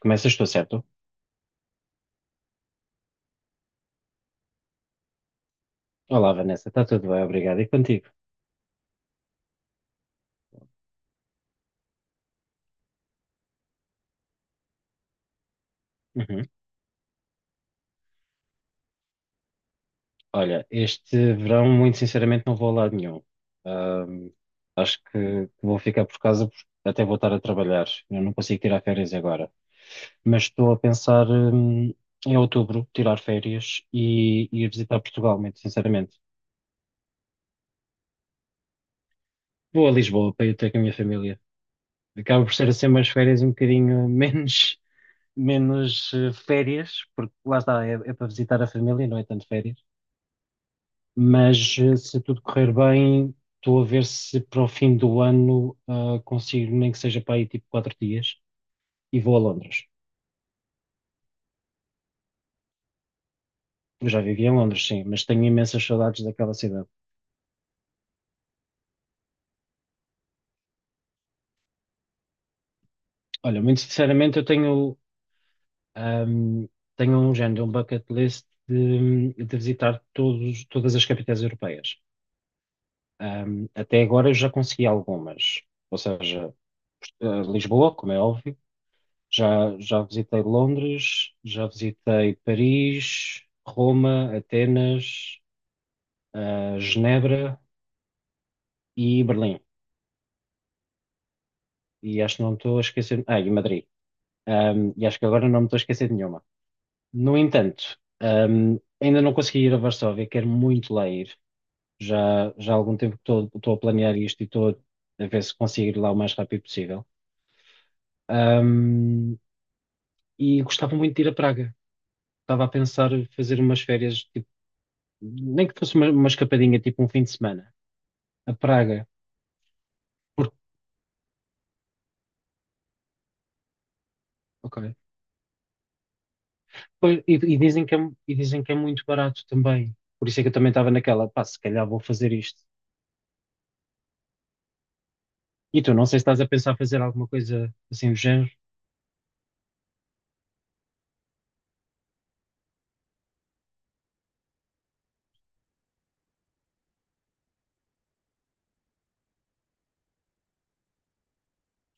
Começas tu, certo? Olá, Vanessa, está tudo bem? Obrigado. E contigo? Uhum. Olha, este verão, muito sinceramente, não vou a lado nenhum. Ahm, Acho que vou ficar por casa porque até vou estar a trabalhar. Eu não consigo tirar férias agora. Mas estou a pensar, em outubro tirar férias e ir visitar Portugal, muito sinceramente. Vou a Lisboa para ir ter com a minha família. Acaba por ser assim umas férias um bocadinho menos férias, porque lá está, é para visitar a família, não é tanto férias. Mas se tudo correr bem, estou a ver se para o fim do ano consigo, nem que seja para aí tipo quatro dias, e vou a Londres. Eu já vivi em Londres, sim, mas tenho imensas saudades daquela cidade. Olha, muito sinceramente, ahm, tenho um género, um bucket list de visitar todas as capitais europeias. Até agora eu já consegui algumas, ou seja, Lisboa, como é óbvio. Já visitei Londres, já visitei Paris, Roma, Atenas, Genebra e Berlim. E acho que não me estou a esquecer. Ah, e Madrid. E acho que agora não me estou a esquecer de nenhuma. No entanto, ainda não consegui ir a Varsóvia, quero muito lá ir. Já há algum tempo que estou a planear isto e estou a ver se consigo ir lá o mais rápido possível. Ahm, e gostava muito de ir a Praga. Estava a pensar em fazer umas férias nem que fosse uma escapadinha, tipo um fim de semana, a Praga, por- ok. Pois. E dizem que é, e dizem que é muito barato também. Por isso é que eu também estava naquela, pá, se calhar vou fazer isto. E tu, não sei se estás a pensar fazer alguma coisa assim do género.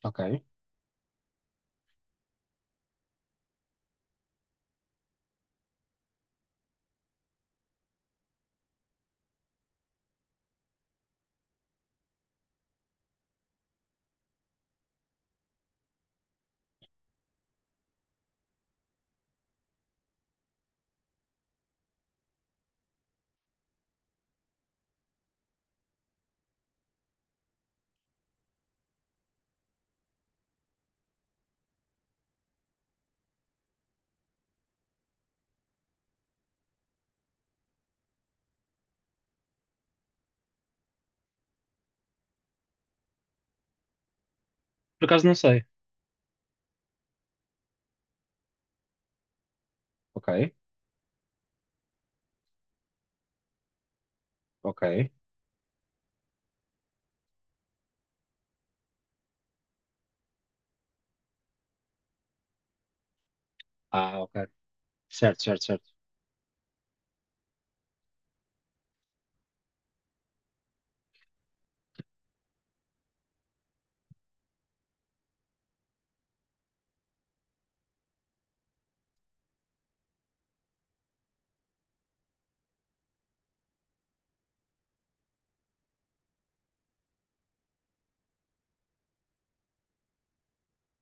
Ok. Por acaso não sei. Ok, ok. Ah, ok. Certo, certo, certo.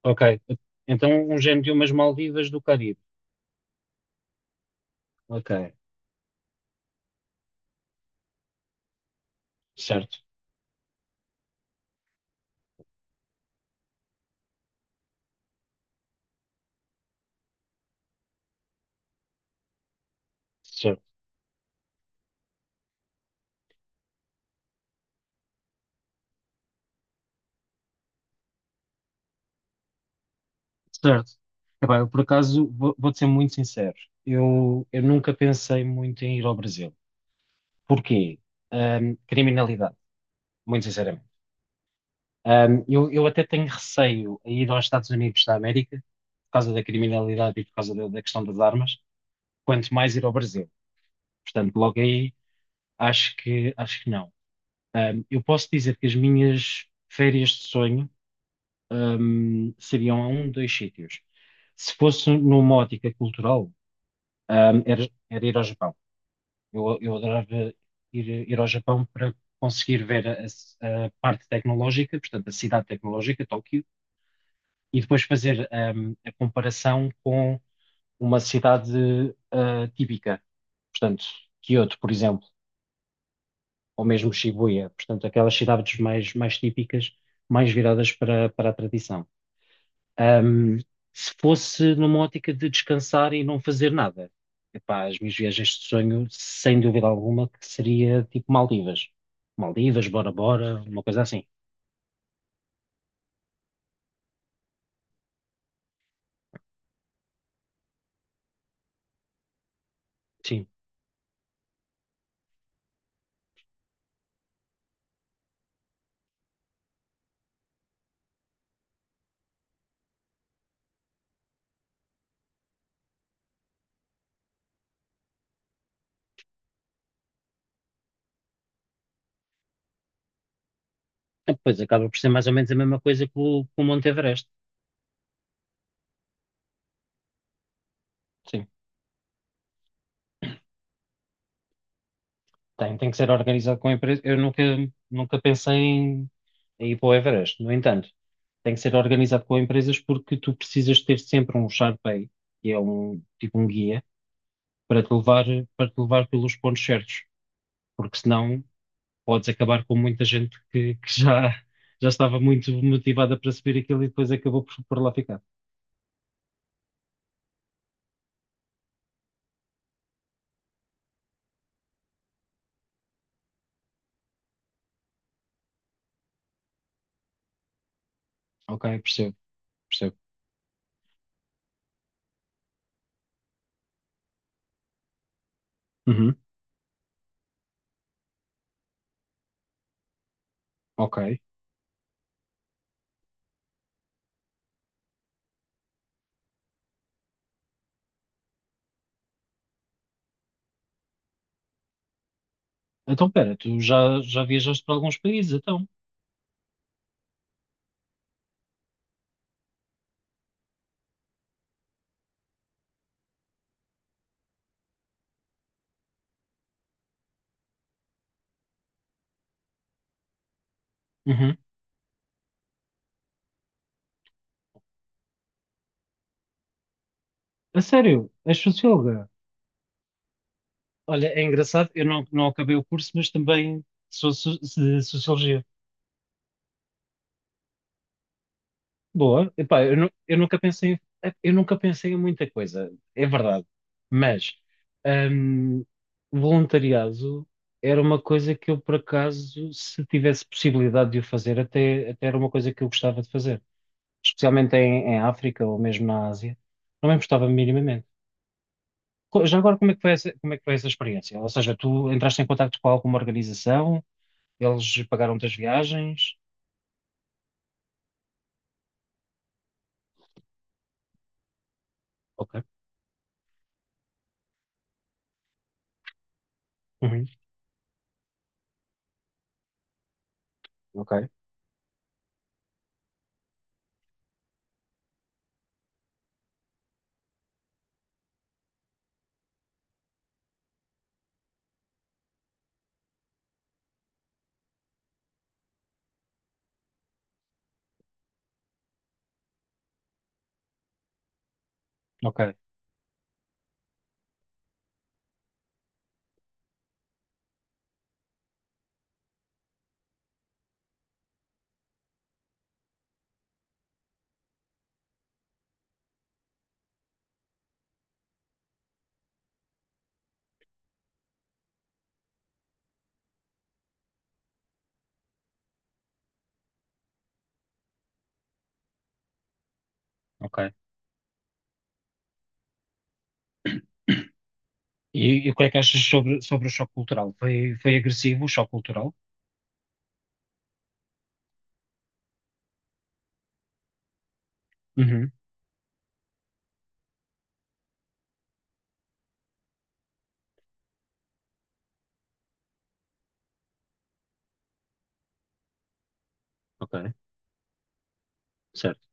Ok. Então um género de umas Maldivas do Caribe. Ok. Certo, certo, certo. Epá, eu por acaso vou-te ser muito sincero. Eu nunca pensei muito em ir ao Brasil. Porquê? Criminalidade, muito sinceramente. Eu até tenho receio a ir aos Estados Unidos da América, por causa da criminalidade e por causa da questão das armas, quanto mais ir ao Brasil. Portanto, logo aí, acho que não. Eu posso dizer que as minhas férias de sonho, seriam a um, dois sítios. Se fosse numa ótica cultural, era ir ao Japão. Eu adorava ir ao Japão para conseguir ver a parte tecnológica, portanto, a cidade tecnológica, Tóquio, e depois fazer a comparação com uma cidade típica, portanto, Kyoto, por exemplo, ou mesmo Shibuya, portanto, aquelas cidades mais típicas, mais viradas para a tradição. Ahm, Se fosse numa ótica de descansar e não fazer nada, epá, as minhas viagens de sonho, sem dúvida alguma, que seria tipo Maldivas. Maldivas, Bora Bora, uma coisa assim. Sim. Depois acaba por ser mais ou menos a mesma coisa que que o Monte Everest. Sim. Tem que ser organizado com a empresa. Eu nunca, Nunca pensei em ir para o Everest. No entanto, tem que ser organizado com empresas porque tu precisas ter sempre um Sharpay, que é um tipo um guia, para te levar, para te levar pelos pontos certos. Porque senão podes acabar com muita gente já estava muito motivada para subir aquilo e depois acabou por lá ficar. Ok, percebo. Uhum, ok. Então, pera, já viajaste para alguns países, então. Uhum. A sério, és socióloga? Olha, é engraçado, eu não, não acabei o curso, mas também de sociologia. Boa. Epá, eu nunca eu nunca pensei em muita coisa, é verdade. Mas hum, voluntariado era uma coisa que eu, por acaso, se tivesse possibilidade de o fazer, até era uma coisa que eu gostava de fazer. Especialmente em África ou mesmo na Ásia. Não me importava minimamente. Já agora, como é que foi como é que foi essa experiência? Ou seja, tu entraste em contacto com alguma organização, eles pagaram-te as viagens? Ok. Uhum. Ok, ok, ok. E o que é que achas sobre o choque cultural? Foi agressivo o choque cultural? Uhum, ok, certo.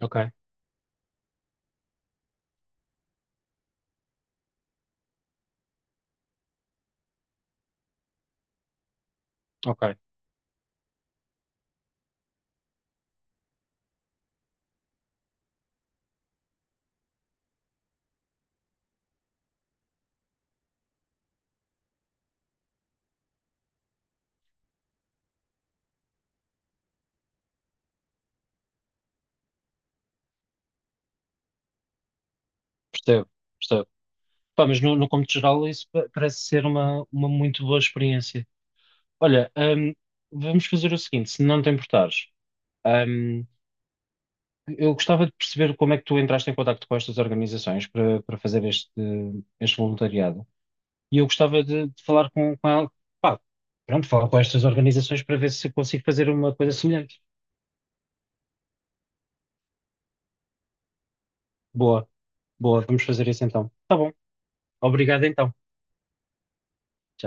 Ok, ok, percebo, percebo. Pá, mas no contexto geral isso parece ser uma muito boa experiência. Olha, vamos fazer o seguinte, se não te importares, hum, eu gostava de perceber como é que tu entraste em contacto com estas organizações para fazer este voluntariado. E eu gostava de falar com ela, pá, pronto, falar com estas organizações para ver se consigo fazer uma coisa semelhante. Boa, boa, vamos fazer isso então. Tá bom, obrigado então. Tchau.